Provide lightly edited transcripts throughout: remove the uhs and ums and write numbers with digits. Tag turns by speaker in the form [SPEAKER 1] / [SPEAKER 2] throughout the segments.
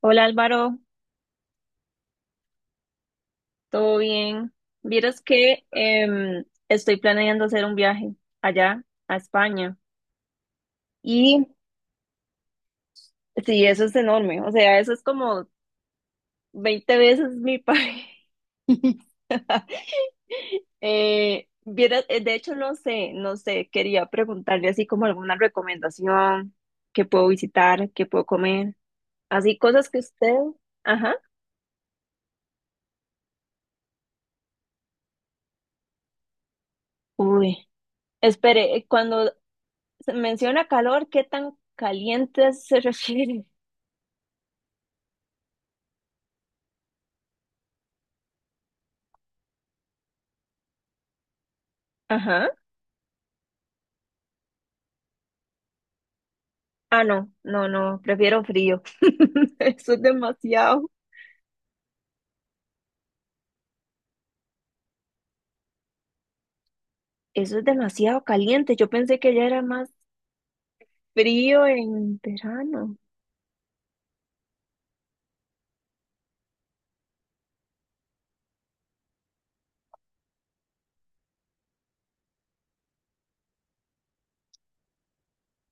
[SPEAKER 1] Hola Álvaro, ¿todo bien? Vieras que estoy planeando hacer un viaje allá a España y sí, eso es enorme, o sea, eso es como 20 veces mi país. Vieras, de hecho, no sé, no sé, quería preguntarle así como alguna recomendación, qué puedo visitar, qué puedo comer, así cosas que usted, ajá. Uy, espere, cuando se menciona calor, ¿qué tan caliente se refiere? Ajá. Ah, no, no, no, prefiero frío. Eso es demasiado, eso es demasiado caliente. Yo pensé que ya era más frío en verano.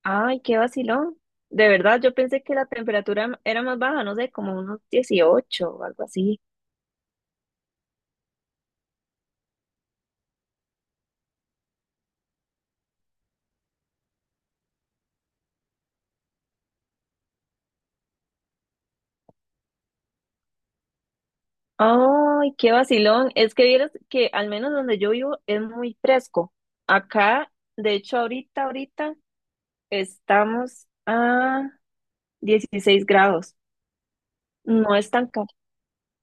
[SPEAKER 1] Ay, qué vacilón. De verdad, yo pensé que la temperatura era más baja, no sé, como unos 18 o algo así. Ay, qué vacilón. Es que vieras que al menos donde yo vivo es muy fresco. Acá, de hecho, ahorita, ahorita estamos a 16 grados. No es tan caro,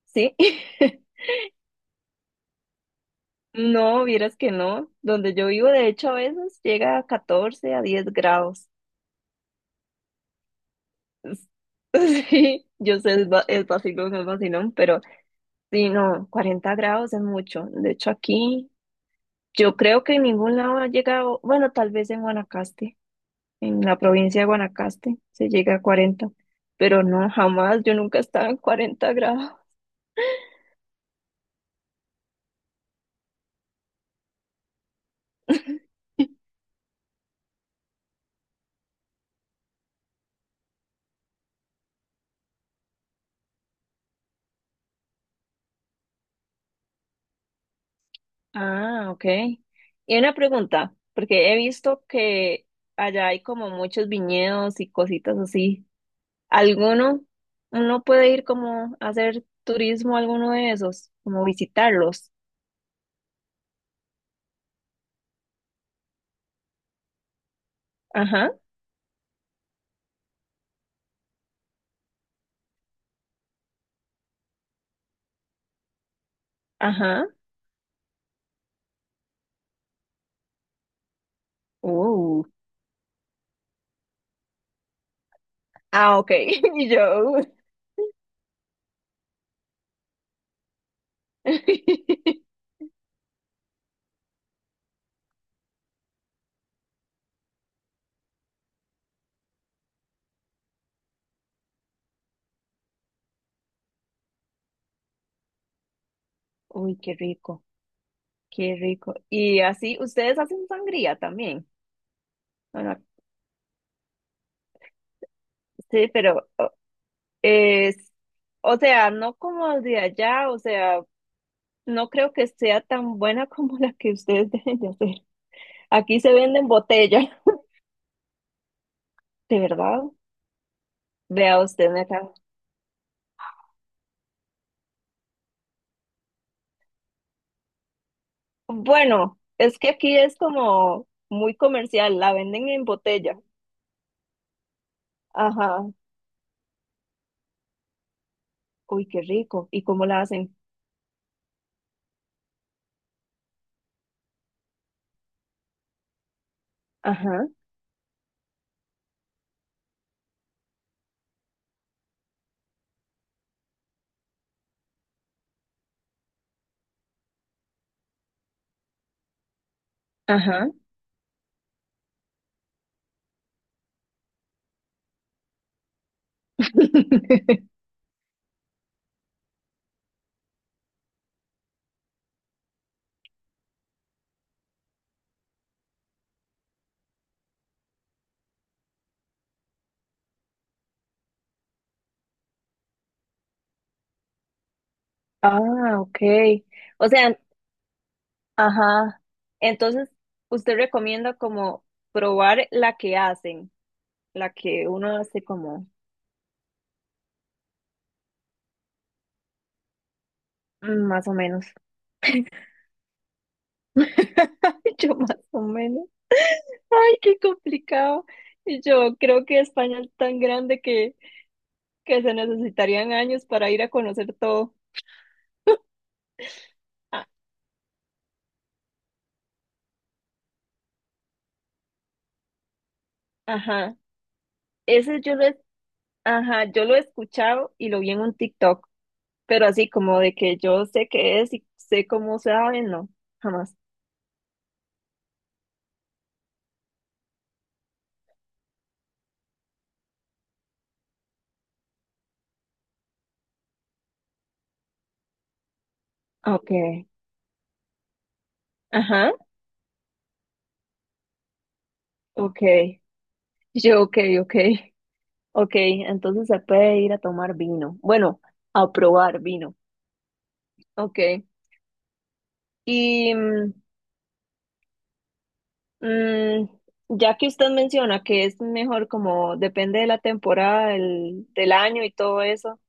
[SPEAKER 1] ¿sí? No, vieras que no. Donde yo vivo, de hecho, a veces llega a 14 a 10 grados. Es- Sí, yo sé, es vacilón, pero sí, no, 40 grados es mucho. De hecho, aquí yo creo que en ningún lado ha llegado, bueno, tal vez en Guanacaste, en la provincia de Guanacaste se llega a 40, pero no, jamás, yo nunca estaba en 40 grados. Ah, ok. Y una pregunta, porque he visto que allá hay como muchos viñedos y cositas así. ¿Alguno, uno puede ir como a hacer turismo a alguno de esos, como visitarlos? Ajá, ajá. Uh. Ah, ok. Y yo. Uy, qué rico, qué rico. Y así, ustedes hacen sangría también. Bueno, sí, pero es, o sea, no como de allá, o sea. No creo que sea tan buena como la que ustedes deben de hacer. Aquí se venden botellas, de verdad. Vea usted acá. Bueno, es que aquí es como muy comercial, la venden en botella. Ajá. Uy, qué rico. ¿Y cómo la hacen? Ajá, ajá. Ah, ok. O sea, ajá. Entonces, usted recomienda como probar la que hacen, la que uno hace como mm, más o menos. Yo más o menos. Ay, qué complicado. Y yo creo que España es tan grande que se necesitarían años para ir a conocer todo. A- Ajá. Ese yo lo he, ajá, yo lo he escuchado y lo vi en un TikTok, pero así como de que yo sé qué es y sé cómo se sabe, no, jamás. Okay. Ajá. Okay. Yo, okay, okay. Okay, entonces se puede ir a tomar vino. Bueno, a probar vino. Okay. Y Mm, ya que usted menciona que es mejor como depende de la temporada, del, del año y todo eso,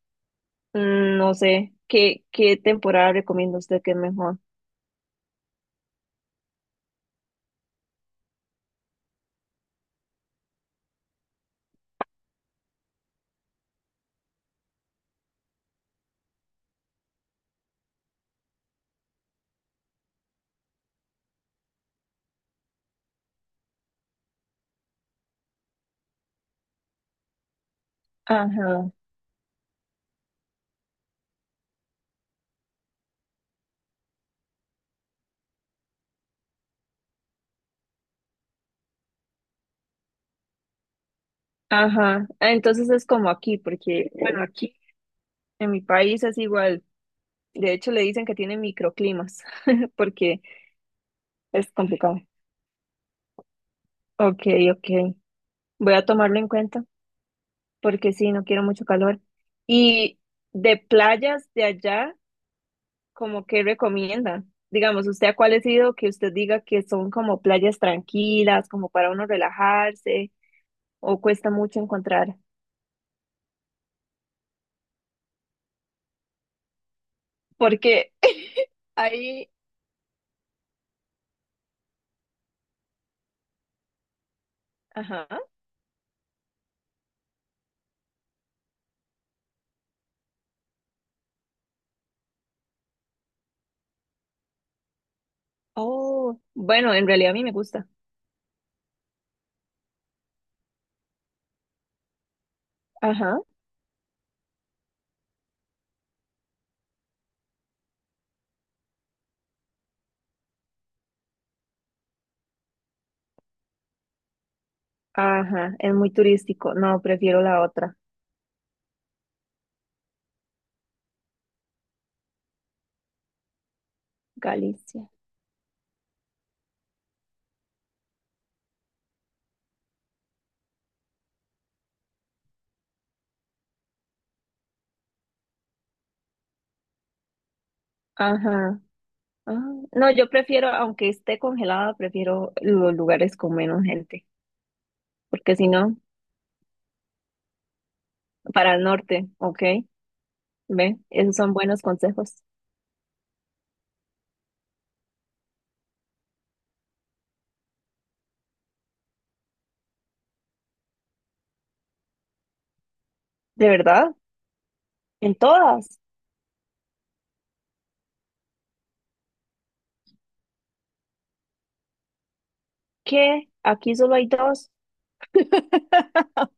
[SPEAKER 1] no sé, ¿qué, qué temporada recomienda usted que es mejor? Ajá, ajá. Ah, entonces es como aquí, porque bueno, aquí en mi país es igual. De hecho, le dicen que tiene microclimas, porque es complicado. Ok, ok. Voy a tomarlo en cuenta, porque sí, no quiero mucho calor. Y de playas de allá, ¿como que recomienda? Digamos, ¿usted a cuál ha sido que usted diga que son como playas tranquilas, como para uno relajarse, o cuesta mucho encontrar? Porque ahí, ajá, oh, bueno, en realidad a mí me gusta. Ajá, ajá, es muy turístico. No, prefiero la otra, Galicia. Ajá. Ah, no, yo prefiero, aunque esté congelada, prefiero los lugares con menos gente, porque si no, para el norte, ¿ok? ¿Ve? Esos son buenos consejos. ¿De verdad? En todas. ¿Qué? Aquí solo hay dos.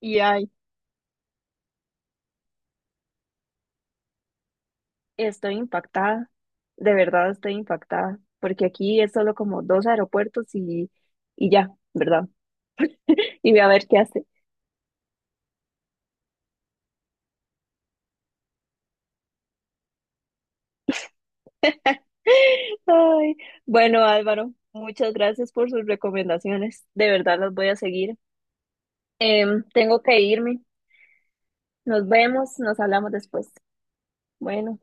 [SPEAKER 1] Y hay. Estoy impactada. De verdad estoy impactada. Porque aquí es solo como dos aeropuertos y ya, ¿verdad? Y voy a ver qué hace. Ay, bueno, Álvaro, muchas gracias por sus recomendaciones. De verdad las voy a seguir. Tengo que irme. Nos vemos, nos hablamos después. Bueno.